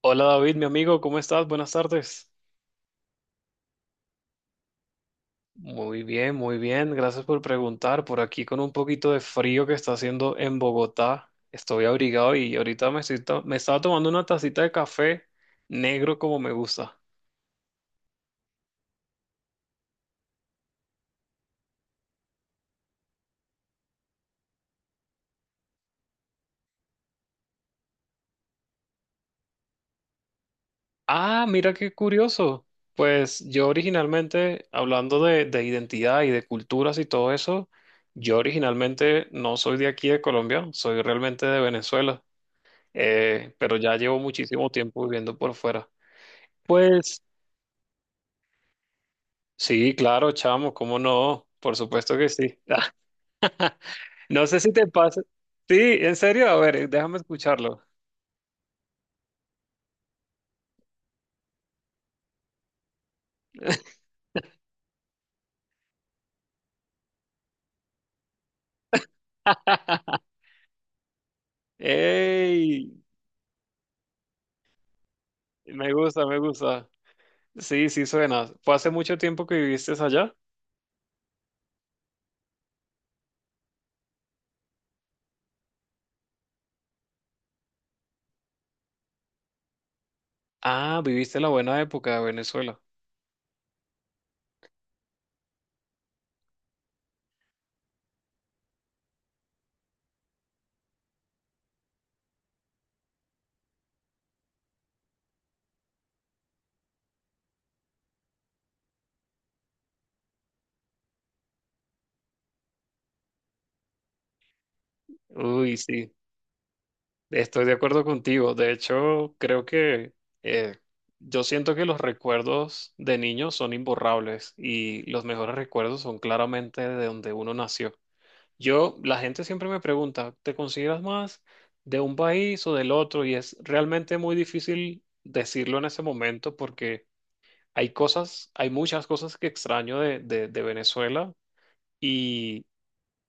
Hola David, mi amigo, ¿cómo estás? Buenas tardes. Muy bien, muy bien. Gracias por preguntar. Por aquí con un poquito de frío que está haciendo en Bogotá. Estoy abrigado y ahorita me estaba tomando una tacita de café negro como me gusta. Ah, mira qué curioso. Pues yo originalmente, hablando de identidad y de culturas y todo eso, yo originalmente no soy de aquí de Colombia, soy realmente de Venezuela. Pero ya llevo muchísimo tiempo viviendo por fuera. Pues sí, claro, chamo, ¿cómo no? Por supuesto que sí. No sé si te pasa. Sí, en serio, a ver, déjame escucharlo. ¡Ey! Me gusta, me gusta. Sí, sí suena. ¿Fue hace mucho tiempo que viviste allá? Ah, viviste la buena época de Venezuela. Uy, sí. Estoy de acuerdo contigo. De hecho, creo que eh, yo siento que los recuerdos de niños son imborrables y los mejores recuerdos son claramente de donde uno nació. La gente siempre me pregunta, ¿te consideras más de un país o del otro? Y es realmente muy difícil decirlo en ese momento porque hay cosas, hay muchas cosas que extraño de Venezuela y,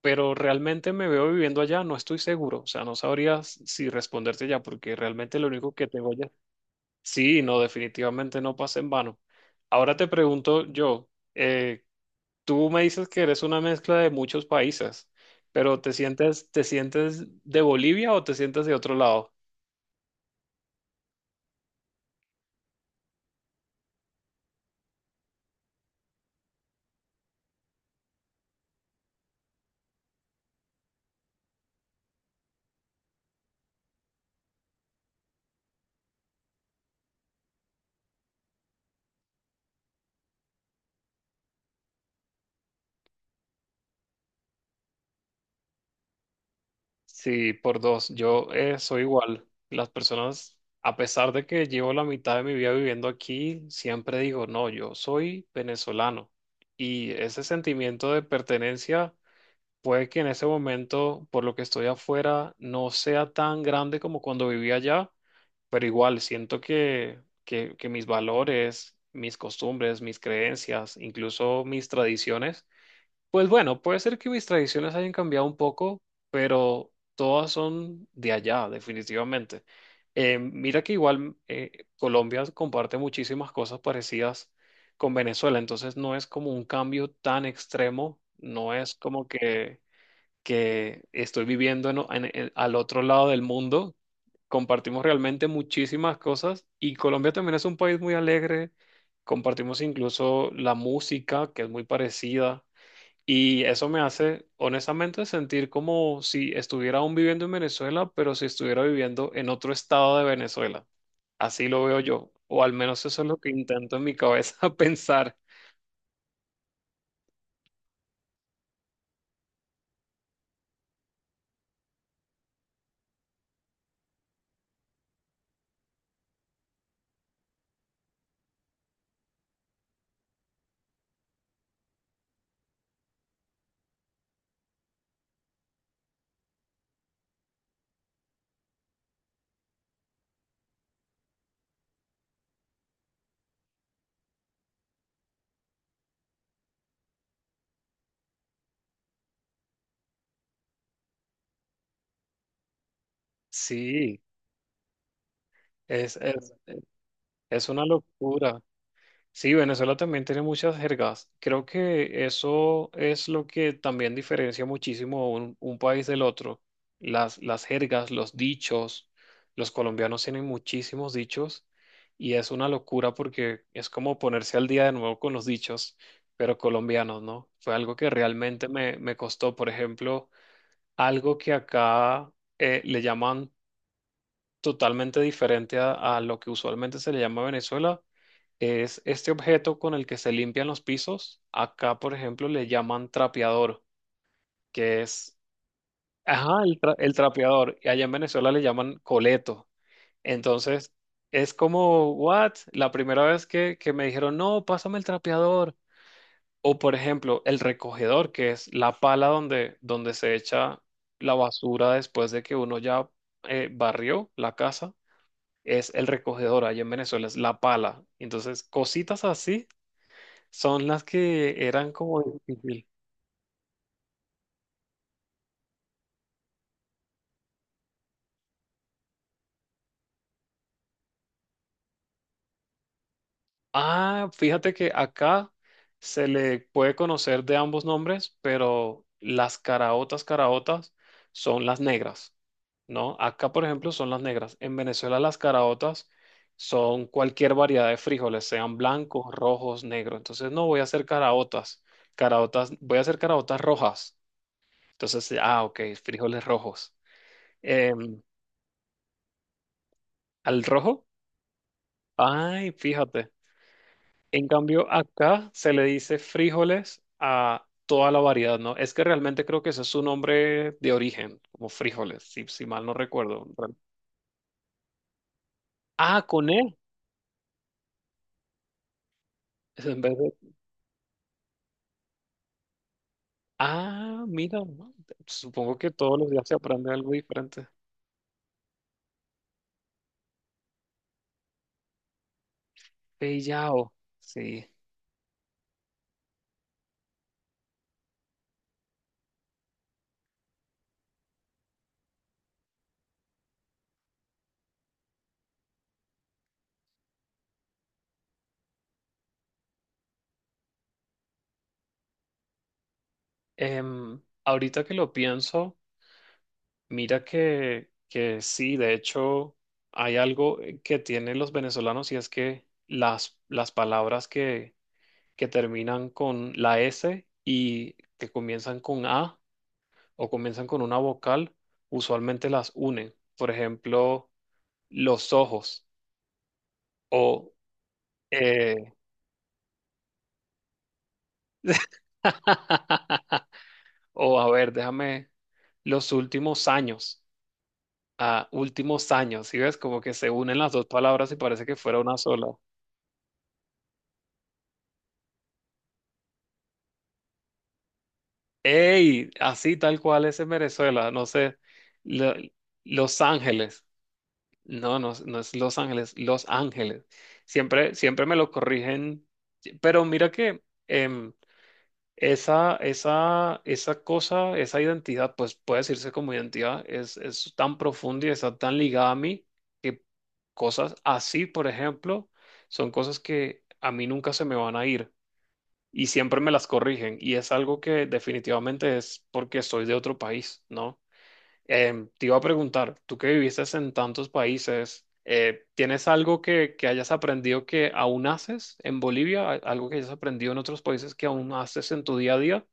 pero realmente me veo viviendo allá, no estoy seguro. O sea, si responderte ya porque realmente lo único que tengo allá. Sí, no, definitivamente no pasa en vano. Ahora te pregunto yo, eh, tú me dices que eres una mezcla de muchos países, pero te sientes de Bolivia o te sientes de otro lado? Sí, por dos. Yo soy igual. Las personas, a pesar de que llevo la mitad de mi vida viviendo aquí, siempre digo, no, yo soy venezolano. Y ese sentimiento de pertenencia puede que en ese momento, por lo que estoy afuera, no sea tan grande como cuando vivía allá, pero igual siento que mis valores, mis costumbres, mis creencias, incluso mis tradiciones, pues bueno, puede ser que mis tradiciones hayan cambiado un poco, pero todas son de allá, definitivamente. Mira que igual Colombia comparte muchísimas cosas parecidas con Venezuela, entonces no es como un cambio tan extremo, no es como que estoy viviendo al otro lado del mundo. Compartimos realmente muchísimas cosas y Colombia también es un país muy alegre. Compartimos incluso la música, que es muy parecida. Y eso me hace, honestamente, sentir como si estuviera aún viviendo en Venezuela, pero si estuviera viviendo en otro estado de Venezuela. Así lo veo yo, o al menos eso es lo que intento en mi cabeza pensar. Sí, es, es, es una locura. Sí, Venezuela también tiene muchas jergas. Creo que eso es lo que también diferencia muchísimo un país del otro. Las jergas, los dichos. Los colombianos tienen muchísimos dichos y es una locura porque es como ponerse al día de nuevo con los dichos, pero colombianos, ¿no? Fue algo que realmente me costó. Por ejemplo, algo que acá le llaman totalmente diferente a lo que usualmente se le llama Venezuela. Es este objeto con el que se limpian los pisos. Acá, por ejemplo, le llaman trapeador, que es, ajá, el trapeador. Y allá en Venezuela le llaman coleto. Entonces, es como, what? La primera vez que me dijeron, no, pásame el trapeador. O, por ejemplo, el recogedor, que es la pala donde, donde se echa la basura después de que uno ya barrió la casa es el recogedor allá en Venezuela, es la pala. Entonces, cositas así son las que eran como difícil. Ah, fíjate que acá se le puede conocer de ambos nombres, pero las caraotas, caraotas son las negras, ¿no? Acá, por ejemplo, son las negras. En Venezuela, las caraotas son cualquier variedad de frijoles, sean blancos, rojos, negros. Entonces, no voy a hacer caraotas, caraotas, voy a hacer caraotas rojas. Entonces, ah, ok, frijoles rojos. em, Al rojo. Ay, fíjate. En cambio, acá se le dice frijoles a toda la variedad, ¿no? Es que realmente creo que ese es su nombre de origen, como frijoles, si mal no recuerdo. Real- Ah, con E. Es en vez de... Ah, mira, ¿no? Supongo que todos los días se aprende algo diferente. Pellao, sí. Ahorita que lo pienso. Mira que sí, de hecho hay algo que tienen los venezolanos y es que las palabras que terminan con la S y que comienzan con A o comienzan con una vocal, usualmente las unen. Por ejemplo, los ojos o... eh, o a ver, déjame los últimos años. A últimos años, ¿sí ves? Como que se unen las dos palabras y parece que fuera una sola. Ey, así tal cual es en Venezuela, no sé, Lo- Los Ángeles, no, no, no es Los Ángeles, Los Ángeles. Siempre, siempre me lo corrigen, pero mira que em, esa cosa, esa identidad, pues puede decirse como identidad, es tan profunda y está tan ligada a mí que cosas así, por ejemplo, son cosas que a mí nunca se me van a ir y siempre me las corrigen y es algo que definitivamente es porque soy de otro país, ¿no? Te iba a preguntar, tú que viviste en tantos países, ¿tienes algo que hayas aprendido que aún haces en Bolivia? Algo que hayas aprendido en otros países que aún haces en tu día a día?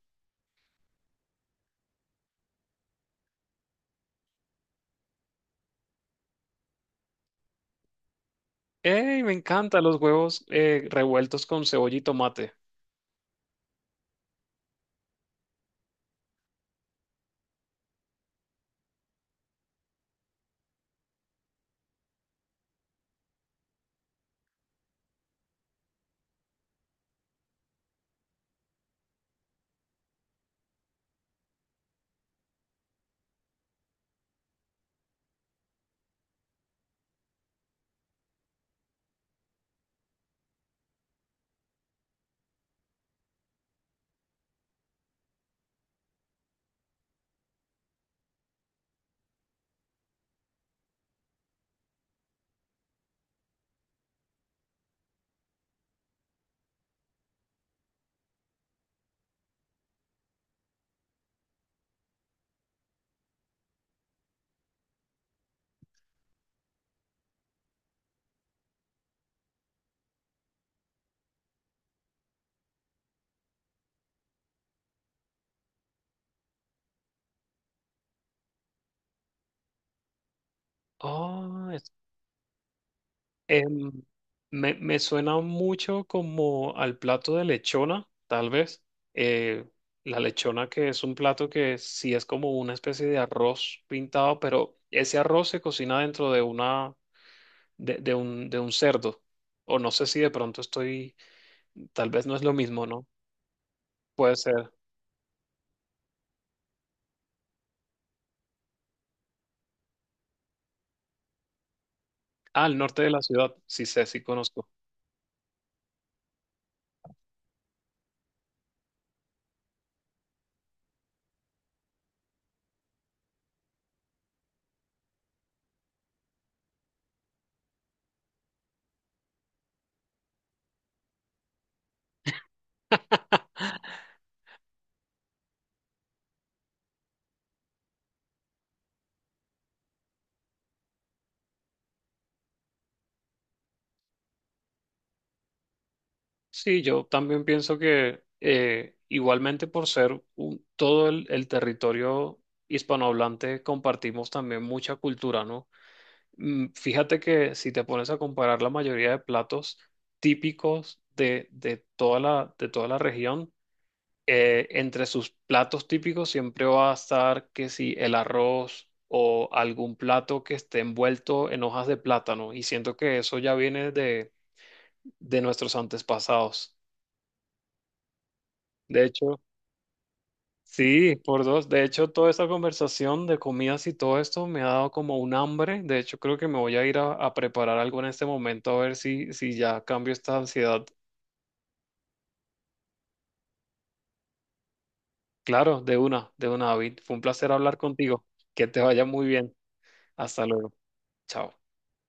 ¡Ey! Me encantan los huevos revueltos con cebolla y tomate. Oh, Em, me suena mucho como al plato de lechona, tal vez. Eh, la lechona que es un plato que sí es como una especie de arroz pintado, pero ese arroz se cocina dentro de una, de un cerdo. O no sé si de pronto estoy, tal vez no es lo mismo, ¿no? Puede ser. Ah, al norte de la ciudad, sí sé, sí conozco. Sí, yo también pienso que igualmente por ser todo el territorio hispanohablante compartimos también mucha cultura, ¿no? Mm, fíjate que si te pones a comparar la mayoría de platos típicos de toda la región, entre sus platos típicos siempre va a estar que si el arroz o algún plato que esté envuelto en hojas de plátano y siento que eso ya viene de nuestros antepasados. De hecho, sí, por dos. De hecho, toda esta conversación de comidas y todo esto me ha dado como un hambre. De hecho, creo que me voy a ir a preparar algo en este momento a ver si, si ya cambio esta ansiedad. Claro, de una, David. Fue un placer hablar contigo. Que te vaya muy bien. Hasta luego. Chao.